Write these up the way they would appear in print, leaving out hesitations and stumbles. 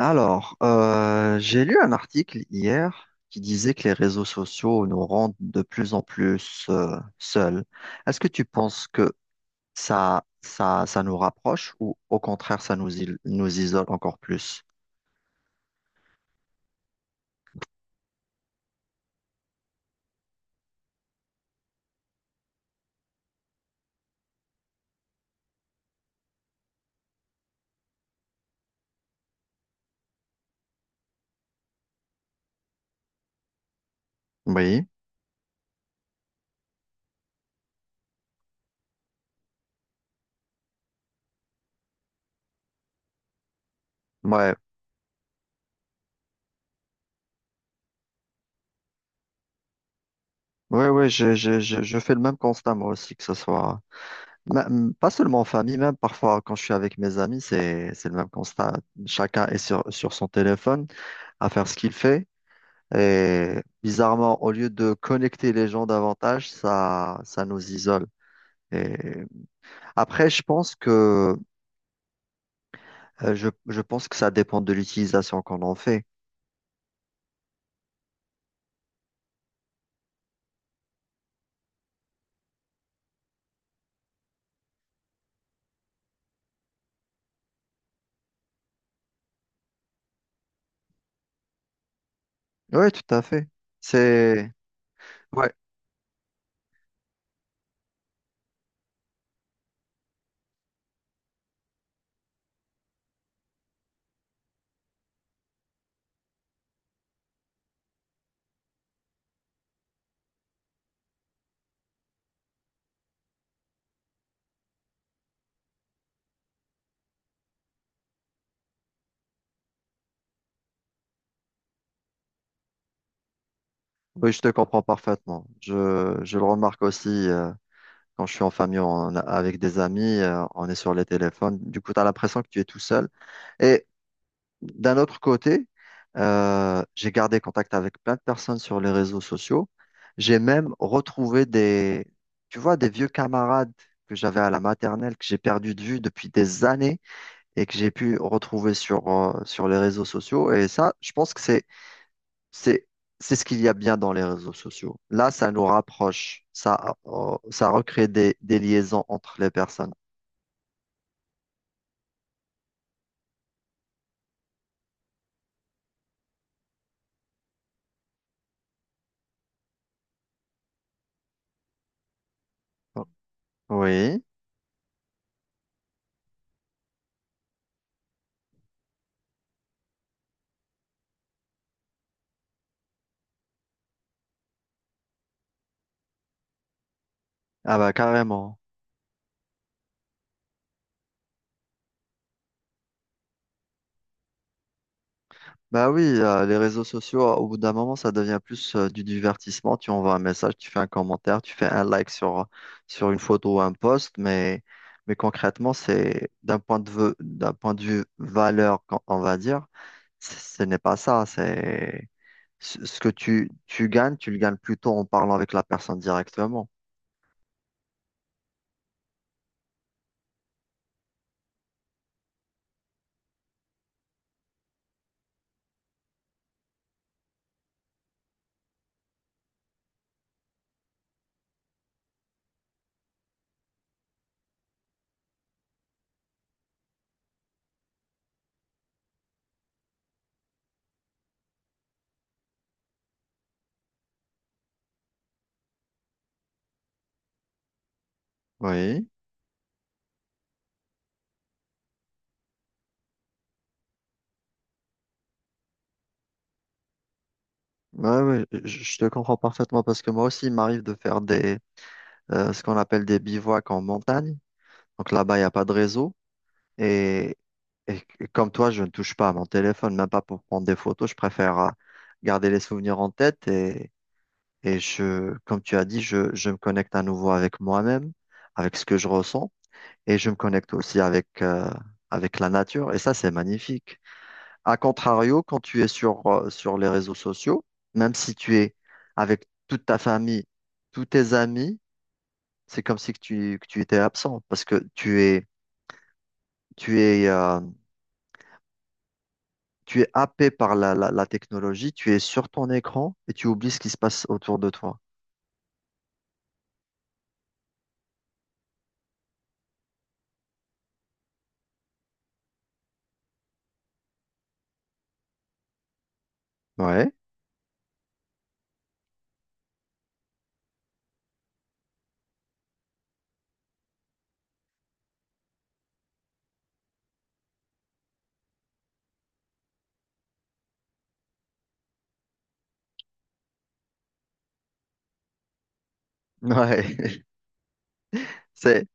Alors, j'ai lu un article hier qui disait que les réseaux sociaux nous rendent de plus en plus seuls. Est-ce que tu penses que ça nous rapproche ou au contraire, ça nous, nous isole encore plus? Oui, ouais, ouais, ouais, je fais le même constat moi aussi, que ce soit pas seulement en famille, même parfois quand je suis avec mes amis, c'est le même constat. Chacun est sur son téléphone à faire ce qu'il fait. Et bizarrement, au lieu de connecter les gens davantage, ça nous isole. Et après, je pense que ça dépend de l'utilisation qu'on en fait. Oui, tout à fait. C'est, ouais, oui, je te comprends parfaitement. Je le remarque aussi, quand je suis en famille, avec des amis, on est sur les téléphones. Du coup, tu as l'impression que tu es tout seul. Et D'un autre côté, j'ai gardé contact avec plein de personnes sur les réseaux sociaux. J'ai même retrouvé tu vois, des vieux camarades que j'avais à la maternelle, que j'ai perdu de vue depuis des années et que j'ai pu retrouver sur les réseaux sociaux. Et ça, je pense que c'est, c'est ce qu'il y a bien dans les réseaux sociaux. Là, ça nous rapproche. Ça, ça recrée des liaisons entre les personnes. Oui. Ah bah, carrément. Bah oui, les réseaux sociaux, au bout d'un moment, ça devient plus du divertissement. Tu envoies un message, tu fais un commentaire, tu fais un like sur une photo ou un post, mais concrètement, c'est d'un point de vue valeur, on va dire, ce n'est pas ça. C'est ce que tu gagnes, tu le gagnes plutôt en parlant avec la personne directement. Oui, ouais, ouais, je te comprends parfaitement parce que moi aussi, il m'arrive de faire ce qu'on appelle des bivouacs en montagne. Donc là-bas, il n'y a pas de réseau. Et, et Comme toi, je ne touche pas à mon téléphone, même pas pour prendre des photos. Je préfère garder les souvenirs en tête et comme tu as dit, je me connecte à nouveau avec moi-même, avec ce que je ressens et je me connecte aussi avec la nature. Et ça, c'est magnifique. A contrario, quand tu es sur les réseaux sociaux, même si tu es avec toute ta famille, tous tes amis, c'est comme si que tu étais absent parce que tu es, euh, tu es happé par la technologie, tu es sur ton écran et tu oublies ce qui se passe autour de toi. Ouais, ouais, c'est,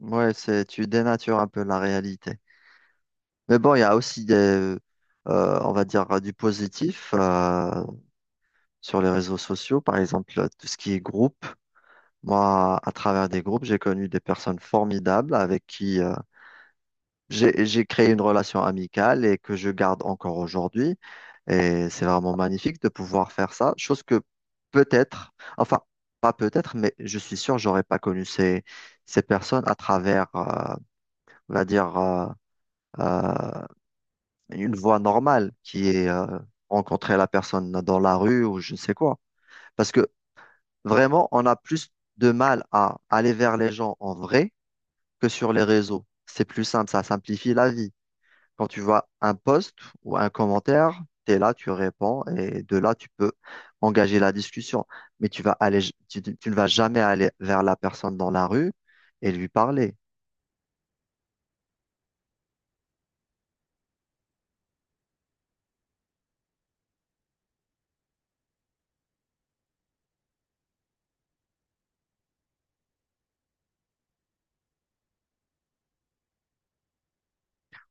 ouais, c'est, tu dénatures un peu la réalité. Mais bon, il y a aussi on va dire, du positif sur les réseaux sociaux, par exemple, tout ce qui est groupe. Moi, à travers des groupes, j'ai connu des personnes formidables avec qui j'ai créé une relation amicale et que je garde encore aujourd'hui. Et c'est vraiment magnifique de pouvoir faire ça, chose que peut-être, enfin, pas peut-être, mais je suis sûr, j'aurais pas connu ces personnes on va dire, euh, une voie normale qui est rencontrer la personne dans la rue ou je ne sais quoi. Parce que vraiment, on a plus de mal à aller vers les gens en vrai que sur les réseaux. C'est plus simple, ça simplifie la vie. Quand tu vois un post ou un commentaire, tu es là, tu réponds et de là, tu peux engager la discussion. Mais tu ne vas jamais aller vers la personne dans la rue et lui parler.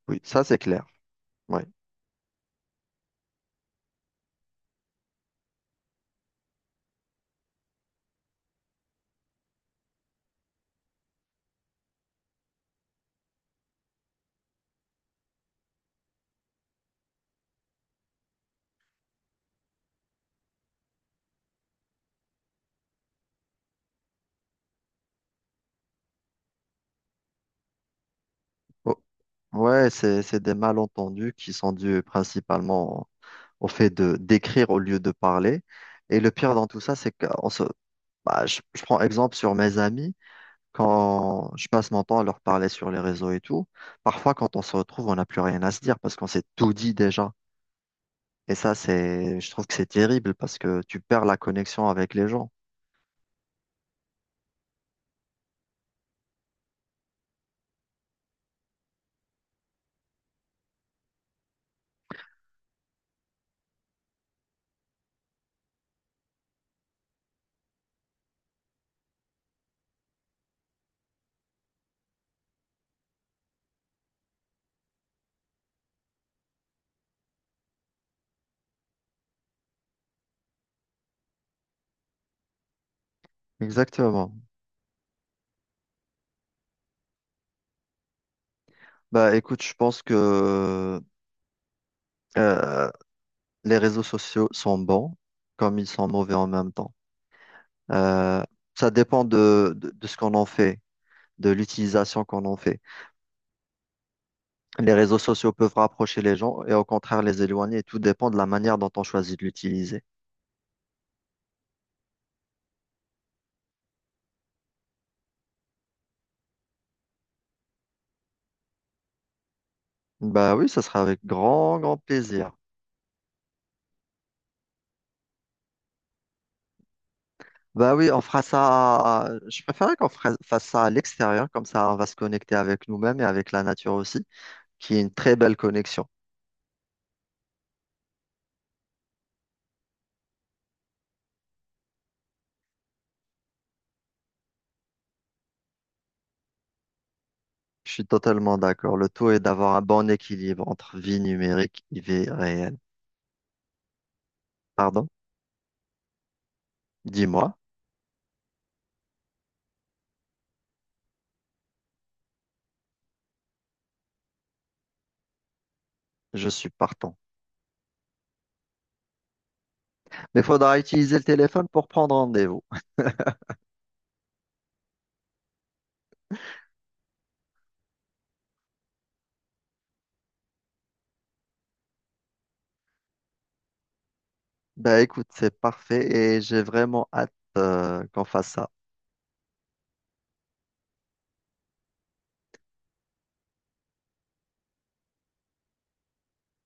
Oui, ça, c'est clair. Ouais. Oh, ouais, c'est des malentendus qui sont dus principalement au fait de d'écrire au lieu de parler. Et le pire dans tout ça, c'est que je prends exemple sur mes amis. Quand je passe mon temps à leur parler sur les réseaux et tout, parfois quand on se retrouve, on n'a plus rien à se dire parce qu'on s'est tout dit déjà. Et ça, c'est, je trouve que c'est terrible parce que tu perds la connexion avec les gens. Exactement. Bah écoute, je pense que euh, les réseaux sociaux sont bons comme ils sont mauvais en même temps. Euh, ça dépend de ce qu'on en fait, de l'utilisation qu'on en fait. Les réseaux sociaux peuvent rapprocher les gens et au contraire les éloigner. Tout dépend de la manière dont on choisit de l'utiliser. Bah oui, ça sera avec grand, grand plaisir. Bah oui, on fera ça. Je préférerais qu'on fasse ça à l'extérieur, comme ça on va se connecter avec nous-mêmes et avec la nature aussi, qui est une très belle connexion. Je suis totalement d'accord. Le tout est d'avoir un bon équilibre entre vie numérique et vie réelle. Pardon? Dis-moi, je suis partant. Mais faudra utiliser le téléphone pour prendre rendez-vous. Bah écoute, c'est parfait et j'ai vraiment hâte, qu'on fasse ça.